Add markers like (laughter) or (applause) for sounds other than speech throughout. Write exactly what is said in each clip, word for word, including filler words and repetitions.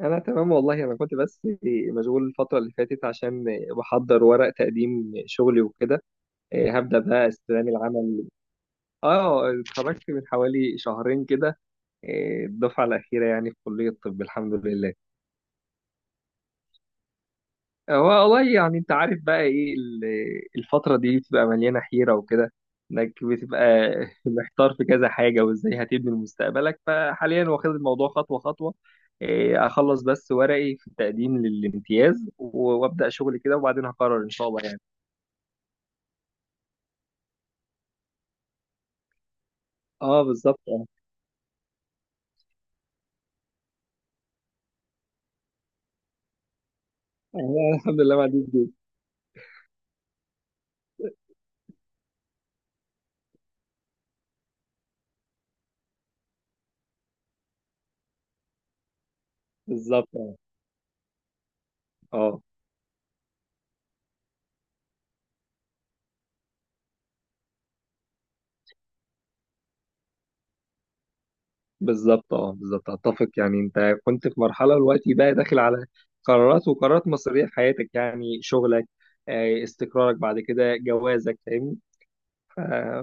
انا تمام والله، انا كنت بس مشغول الفتره اللي فاتت عشان بحضر ورق تقديم شغلي وكده. إيه، هبدا بقى استلام العمل. اه، اتخرجت من حوالي شهرين كده. إيه، الدفعه الاخيره يعني في كليه الطب، الحمد لله. هو والله يعني انت عارف بقى ايه ال- الفترة دي بتبقى مليانة حيرة وكده، انك بتبقى (laughs) محتار في كذا حاجة وازاي هتبني مستقبلك، فحاليا واخد الموضوع خطوة خطوة. إيه، اخلص بس ورقي في التقديم للامتياز و- وابدأ شغل كده وبعدين هقرر ان شاء الله يعني. اه، بالظبط اه. (laughs) آه، الحمد لله ما عنديش جيش. بالظبط اه. اه، بالظبط اه. بالظبط اتفق، يعني انت كنت في مرحله دلوقتي بقى داخل على قرارات وقرارات مصيريه في حياتك، يعني شغلك، آه، استقرارك بعد كده، جوازك، فاهمني. ف-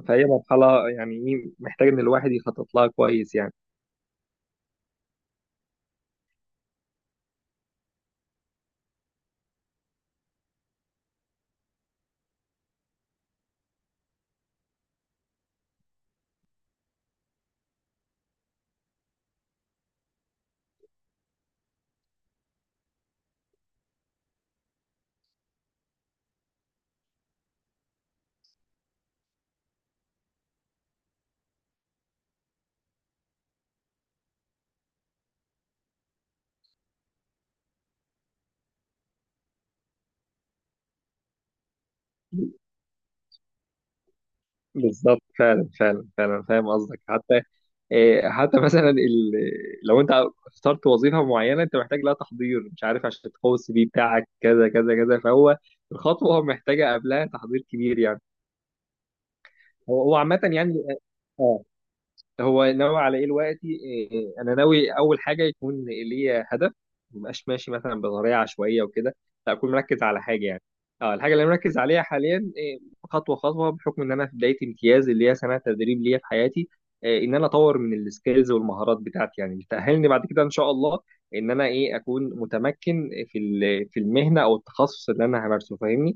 فهي مرحله يعني ايه محتاج ان الواحد يخطط لها كويس يعني. بالظبط، فعلا فعلا فعلا فاهم قصدك. حتى آه، حتى (laughs) مثلا ال... لو انت اخترت وظيفه معينه انت محتاج لها تحضير، مش عارف، عشان تقوي السي في بتاعك كذا كذا كذا، فهو الخطوه محتاجه قبلها تحضير كبير يعني. هو هو عامه يعني اه. آه. هو ناوي على ايه دلوقتي؟ إيه، انا ناوي اول حاجه يكون ليا هدف، ما بقاش ماشي مثلا بطريقه عشوائيه وكده، لا اكون مركز على حاجه يعني. اه، الحاجه اللي أنا مركز عليها حاليا إيه، خطوه خطوه، بحكم ان انا في بدايه امتياز اللي هي سنه تدريب ليا في حياتي. إيه، ان انا اطور من السكيلز والمهارات بتاعتي يعني، اللي تاهلني بعد كده ان شاء الله ان انا ايه اكون متمكن في ال- في المهنه او التخصص اللي انا همارسه، فاهمني.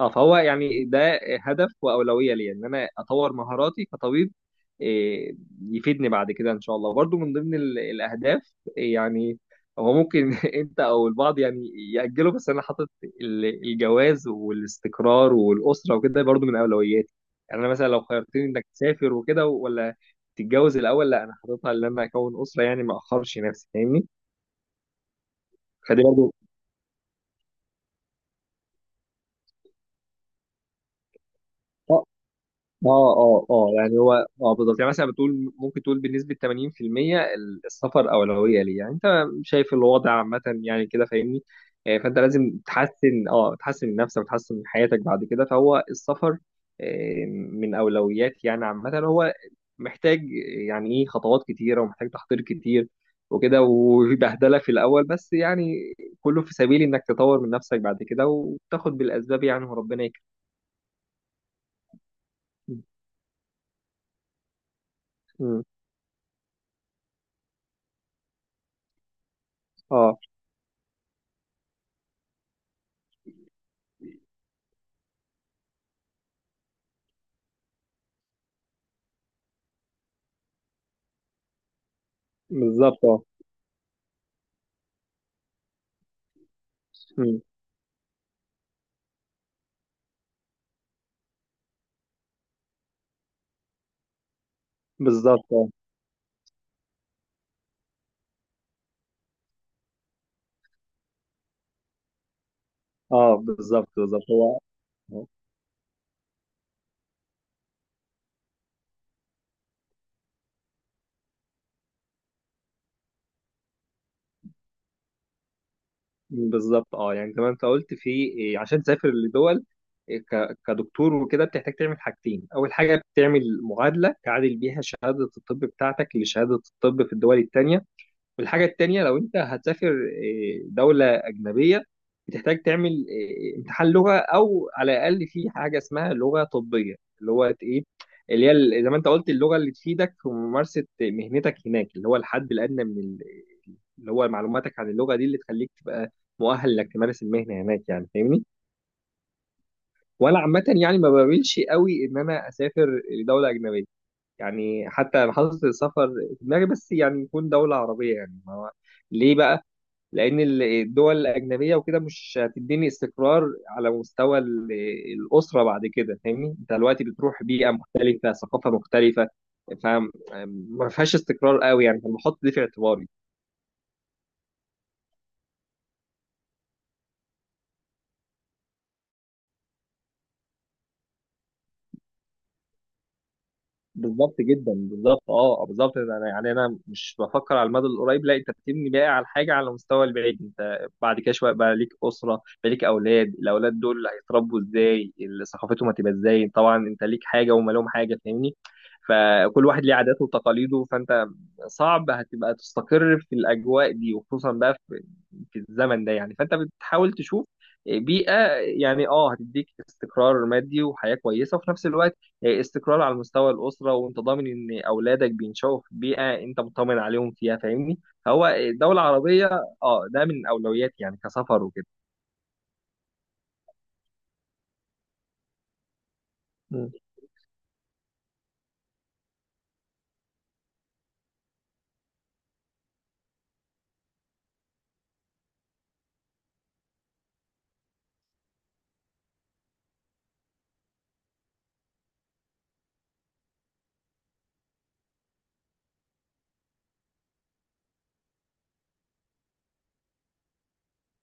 اه، فهو يعني ده هدف واولويه ليا ان انا اطور مهاراتي كطبيب. إيه، يفيدني بعد كده ان شاء الله. برضو من ضمن ال- الاهداف، آه، يعني هو ممكن (laughs) انت او البعض يعني ياجله، بس انا حاطط ال- الجواز والاستقرار والاسره وكده برضو من اولوياتي. يعني انا مثلا لو خيرتني انك تسافر وكده ولا تتجوز الاول، لا، انا حاططها ان انا اكون اسره، يعني ما اخرش نفسي، فاهمني. فدي برضو. اه اه اه يعني هو اه، بالظبط. يعني مثلا بتقول، ممكن تقول، بنسبة ثمانين في المية السفر أولوية ليه، يعني انت شايف الوضع عامة يعني كده، فاهمني. آه، فانت لازم تحسن اه تحسن من نفسك وتحسن من حياتك بعد كده. فهو السفر آه، من أولويات يعني عامة. هو محتاج يعني ايه، خطوات كتيرة ومحتاج تحضير كتير وكده وبهدلة في الأول، بس يعني كله في سبيل إنك تطور من نفسك بعد كده وتاخد بالأسباب يعني، وربنا يكرمك. م. اه، بالظبط. آه. إمم، بالضبط آه. آه، بالضبط، بالضبط هو آه، بالضبط آه. يعني زي ما أنت قُلت في آآ عشان تسافر لدول، آآ ك كدكتور وكده، بتحتاج تعمل حاجتين. أول حاجة بتعمل معادلة تعادل بيها شهادة الطب بتاعتك لشهادة الطب في الدول التانية. والحاجة التانية لو أنت هتسافر إيه، دولة أجنبية، بتحتاج تعمل إيه، امتحان لغة، أو على الأقل في حاجة اسمها لغة طبية، اللي هو إيه اللي هي ال- زي ما أنت قلت، اللغة اللي تفيدك في ممارسة مهنتك هناك، اللي هو الحد الأدنى من ال- اللي هو معلوماتك عن اللغة دي، اللي تخليك تبقى مؤهل إنك تمارس المهنة هناك، يعني فاهمني؟ وأنا عامة يعني ما بميلش قوي إن أنا أسافر لدولة أجنبية، يعني حتى أنا حاطط السفر في دماغي، بس يعني يكون دولة عربية. يعني ما هو ليه بقى؟ لان ال- الدول الاجنبيه وكده مش هتديني استقرار على مستوى ال- الاسره بعد كده، فاهمني؟ انت دلوقتي بتروح بيئه مختلفه، ثقافه مختلفه، فما فيهاش استقرار قوي يعني، فبحط دي في اعتباري. بالظبط جدا، بالظبط اه، بالظبط. انا يعني انا مش بفكر على المدى القريب، لا، انت بتبني بقى على حاجه على المستوى البعيد. انت بعد كده شويه بقى ليك اسره، بقى ليك اولاد، الاولاد دول هيتربوا ازاي؟ ال- ثقافتهم هتبقى ازاي؟ طبعا انت ليك حاجه وهم لهم حاجه، فاهمني؟ فكل واحد ليه عاداته وتقاليده، فانت صعب هتبقى تستقر في الاجواء دي، وخصوصا بقى في, في الزمن ده يعني، فانت بتحاول تشوف بيئه يعني اه هتديك استقرار مادي وحياه كويسه، وفي نفس الوقت استقرار على مستوى الأسرة، وأنت ضامن إن أولادك بينشأوا في بيئة أنت مطمن عليهم فيها، فاهمني؟ فهو الدولة العربية، أه، ده من أولوياتي يعني كسفر وكده. مم.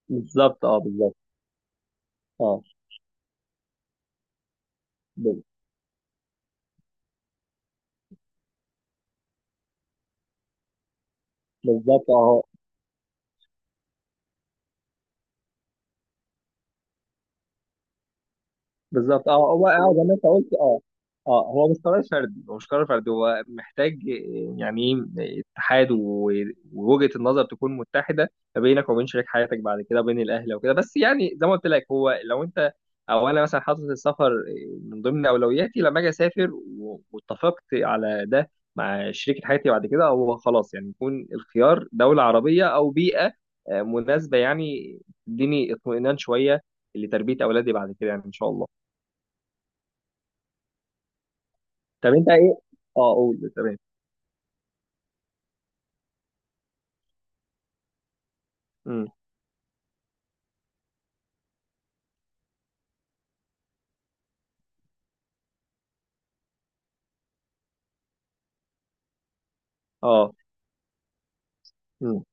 بالظبط اه، بالظبط اه، ب- بالظبط اه، بالظبط اه. هو اه، زي ما انت قلت، اه، اه هو مش قرار فردي، هو مش قرار فردي، هو محتاج آه، يعني ايه، اتحاد و- ووجهة النظر تكون متحدة ما بينك وبين شريك حياتك بعد كده، بين الأهل وكده. بس يعني زي ما قلت لك، هو لو انت او انا مثلا حاطط السفر آه، من ضمن اولوياتي، لما اجي اسافر و- واتفقت على ده مع شريكة حياتي بعد كده، هو خلاص، يعني يكون الخيار دولة عربية او بيئة آه، مناسبة، يعني تديني اطمئنان شوية لتربية اولادي بعد كده يعني ان شاء الله. طب انت ايه؟ اه، قول، تمام. امم. اه. مم.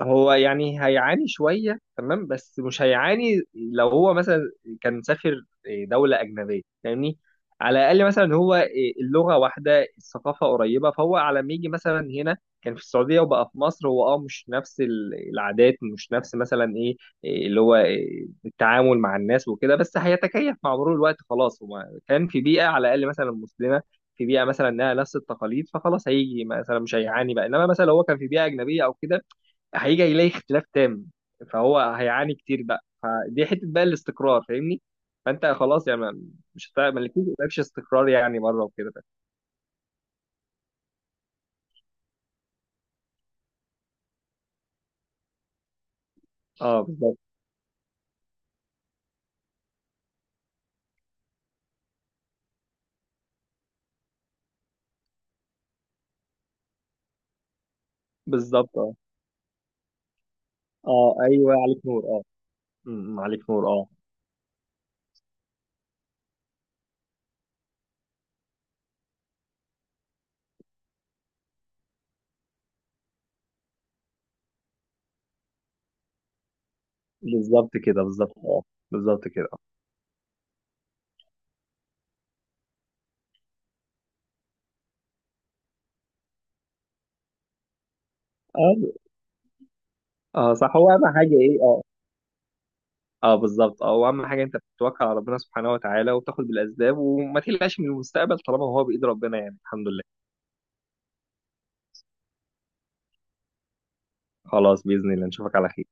هو يعني هيعاني شوية، تمام، بس مش هيعاني لو هو مثلا كان سافر آه، دولة أجنبية، فاهمني؟ على الأقل مثلا هو آه، اللغة واحدة، الثقافة قريبة، فهو على ما يجي مثلا هنا كان في السعودية وبقى في مصر، هو اه مش نفس ال- العادات، مش نفس مثلا ايه إيه اللي هو إيه التعامل مع الناس وكده، بس هيتكيف مع مرور الوقت. خلاص هو كان في بيئة على الأقل مثلا مسلمة، في بيئة مثلا إنها نفس التقاليد، فخلاص هيجي مثلا مش هيعاني بقى. إنما مثلا لو هو كان في بيئة أجنبية أو كده، هيجي يلاقي اختلاف تام، فهو هيعاني كتير بقى، فدي حته بقى الاستقرار، فاهمني؟ فانت خلاص يعني ما- مش هتع- ما لكيش استقرار يعني مره وكده بقى. اه، بالظبط، بالظبط اه. اه، ايوه، عليك نور اه. أمم، عليك نور اه. بالظبط كده، بالظبط اه، بالظبط كده اه. اه، صح. هو اهم حاجه ايه اه اه، بالظبط اه. واهم حاجه انت بتتوكل على ربنا سبحانه وتعالى، وبتاخد بالاسباب، وما تقلقش من المستقبل طالما هو بايد ربنا يعني، الحمد لله. خلاص، باذن الله نشوفك على خير.